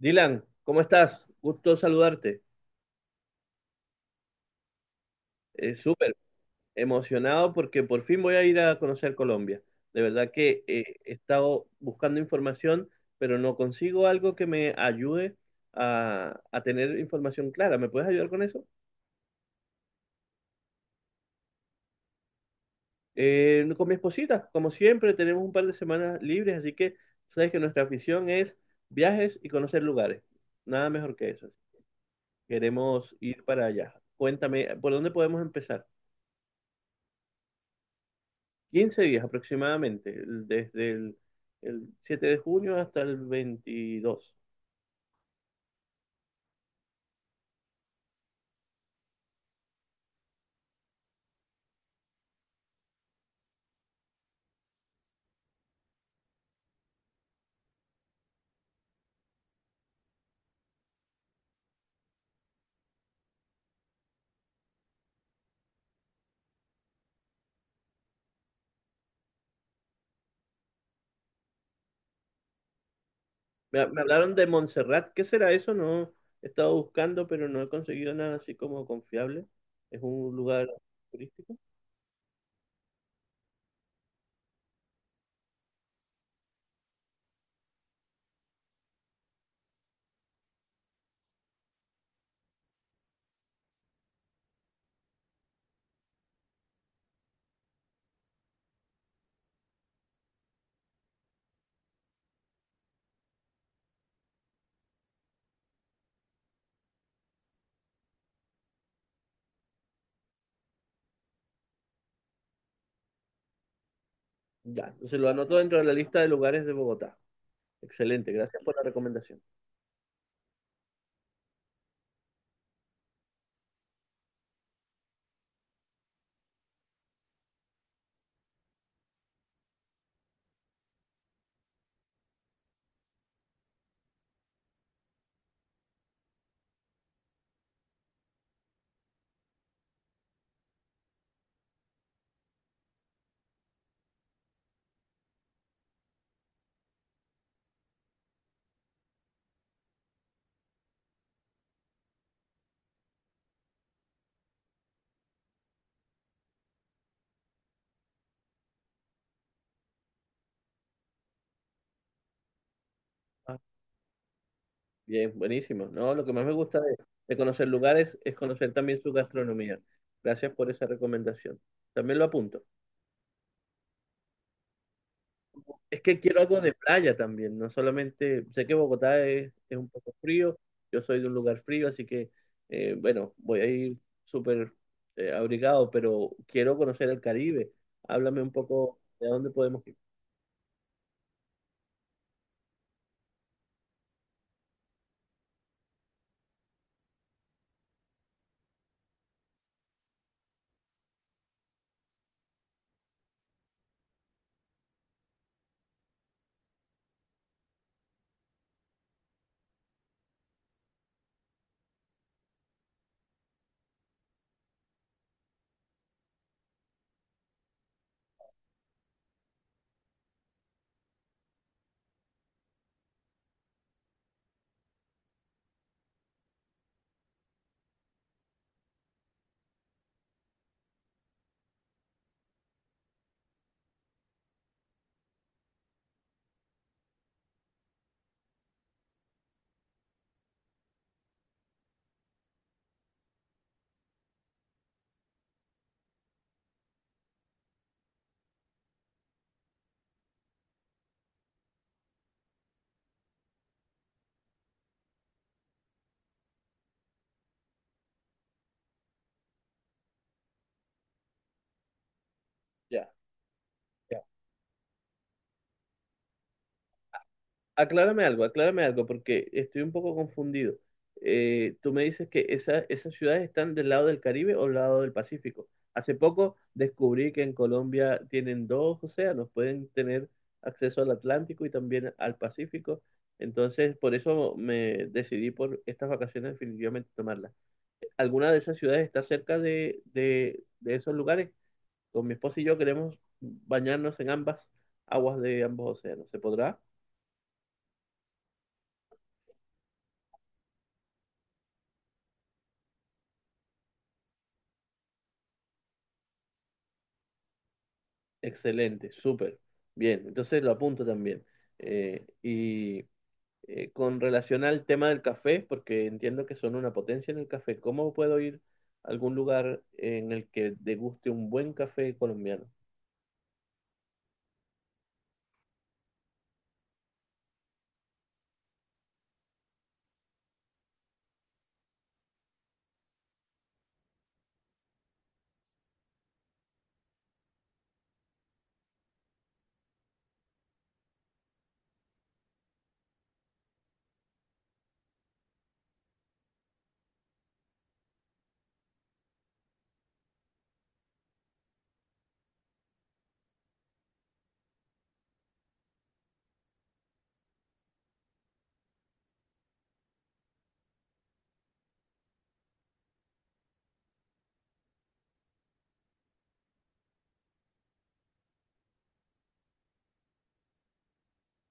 Dylan, ¿cómo estás? Gusto saludarte. Súper emocionado porque por fin voy a ir a conocer Colombia. De verdad que he estado buscando información, pero no consigo algo que me ayude a tener información clara. ¿Me puedes ayudar con eso? Con mi esposita, como siempre, tenemos un par de semanas libres, así que sabes que nuestra afición es viajes y conocer lugares. Nada mejor que eso. Queremos ir para allá. Cuéntame, ¿por dónde podemos empezar? 15 días aproximadamente, desde el 7 de junio hasta el 22. Me hablaron de Montserrat, ¿qué será eso? No he estado buscando, pero no he conseguido nada así como confiable. Es un lugar turístico. Ya, entonces lo anoto dentro de la lista de lugares de Bogotá. Excelente, gracias por la recomendación. Ah, bien, buenísimo. No, lo que más me gusta de conocer lugares es conocer también su gastronomía. Gracias por esa recomendación. También lo apunto. Es que quiero algo de playa también, no solamente, sé que Bogotá es un poco frío, yo soy de un lugar frío, así que, bueno, voy a ir súper abrigado, pero quiero conocer el Caribe. Háblame un poco de a dónde podemos ir. Ya. Aclárame algo, porque estoy un poco confundido. Tú me dices que esas ciudades están del lado del Caribe o del lado del Pacífico. Hace poco descubrí que en Colombia tienen dos océanos, pueden tener acceso al Atlántico y también al Pacífico. Entonces, por eso me decidí por estas vacaciones definitivamente tomarlas. ¿Alguna de esas ciudades está cerca de esos lugares? Con mi esposa y yo queremos bañarnos en ambas aguas de ambos océanos. ¿Se podrá? Excelente, súper. Bien, entonces lo apunto también. Y con relación al tema del café, porque entiendo que son una potencia en el café, ¿cómo puedo ir a algún lugar en el que deguste un buen café colombiano?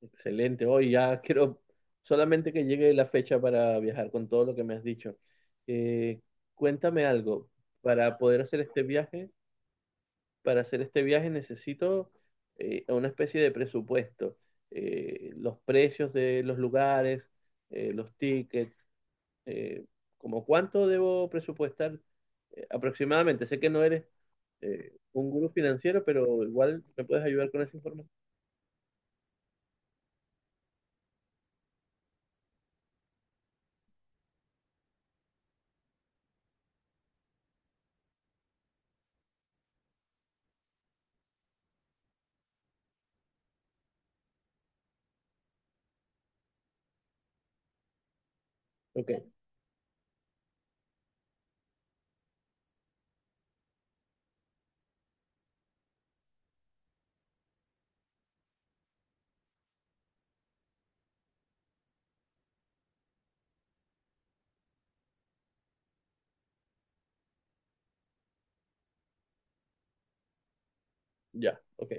Excelente, hoy ya quiero solamente que llegue la fecha para viajar con todo lo que me has dicho. Eh, Cuéntame algo, para poder hacer este viaje, para hacer este viaje necesito una especie de presupuesto, los precios de los lugares, los tickets, eh, como cuánto debo presupuestar aproximadamente. Sé que no eres un gurú financiero, pero igual me puedes ayudar con esa información. Ok, ya, ok.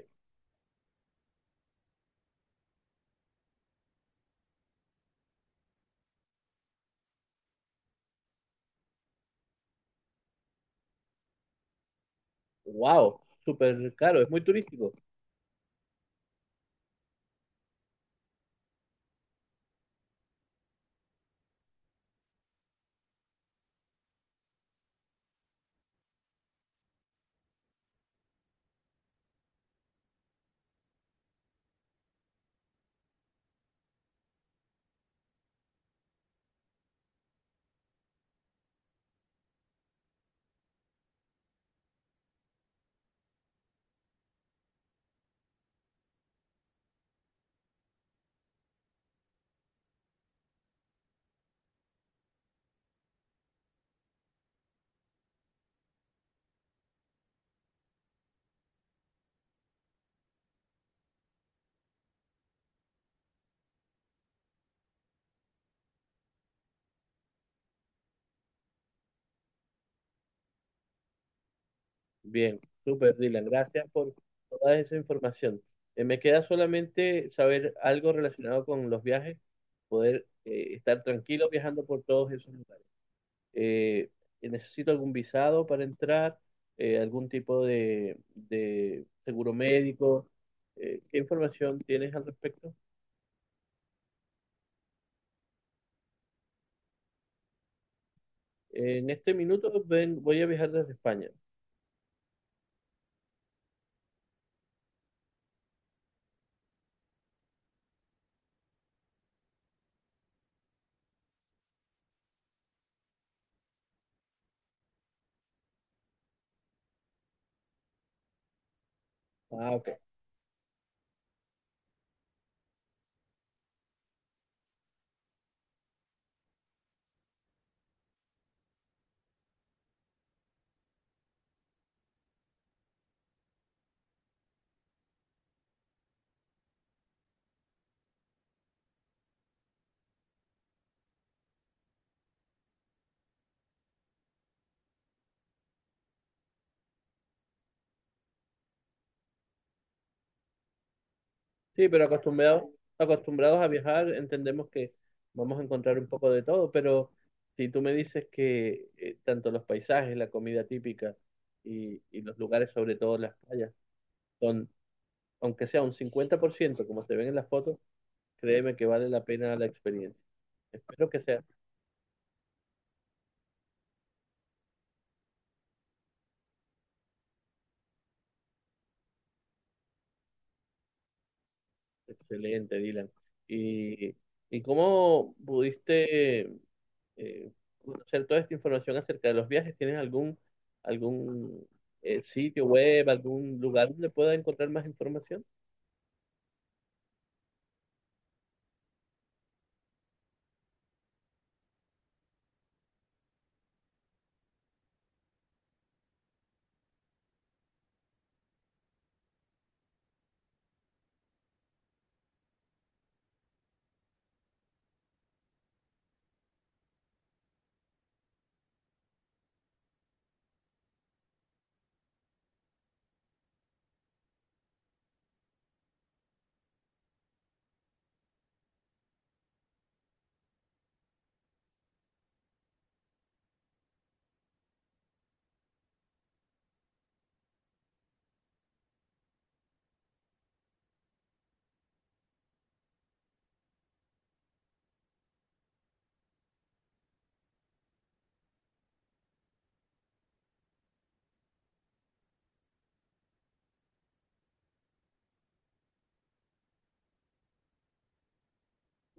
Wow, súper caro, es muy turístico. Bien, súper, Dylan. Gracias por toda esa información. Me queda solamente saber algo relacionado con los viajes, poder estar tranquilo viajando por todos esos lugares. Eh, Necesito algún visado para entrar, algún tipo de seguro médico. ¿Qué información tienes al respecto? En este minuto voy a viajar desde España. Ah, ok. Sí, pero acostumbrados, acostumbrados a viajar, entendemos que vamos a encontrar un poco de todo, pero si tú me dices que tanto los paisajes, la comida típica y los lugares, sobre todo las playas, son, aunque sea un 50%, como se ven en las fotos, créeme que vale la pena la experiencia. Espero que sea excelente, Dylan. ¿Y, y cómo pudiste eh, conocer toda esta información acerca de los viajes? ¿Tienes algún sitio web, algún lugar donde pueda encontrar más información?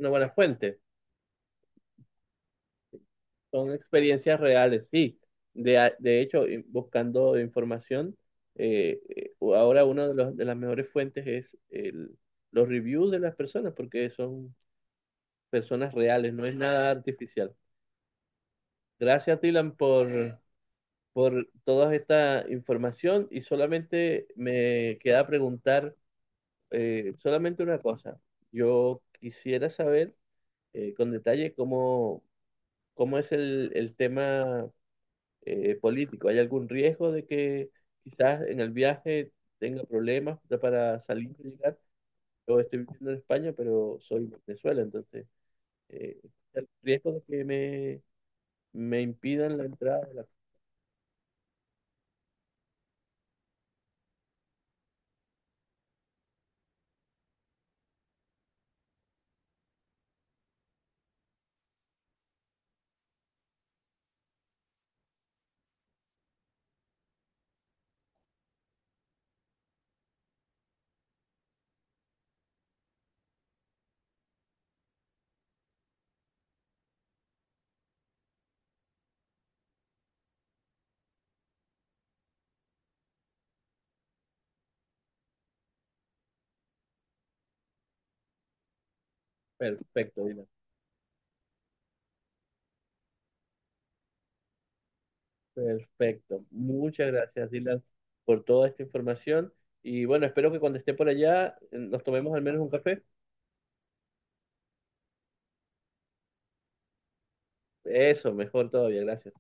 Una buena fuente. Son experiencias reales, sí. De hecho, buscando información, ahora una de las mejores fuentes es los reviews de las personas, porque son personas reales, no es nada artificial. Gracias, Tilan, por toda esta información y solamente me queda preguntar. Solamente una cosa, yo quisiera saber con detalle cómo es el tema político. ¿Hay algún riesgo de que quizás en el viaje tenga problemas para salir y llegar? Yo estoy viviendo en España, pero soy de Venezuela, entonces eh, ¿hay riesgo de que me impidan la entrada? Perfecto. Perfecto. Muchas gracias, Dylan, por toda esta información. Y bueno, espero que cuando esté por allá nos tomemos al menos un café. Eso, mejor todavía. Gracias.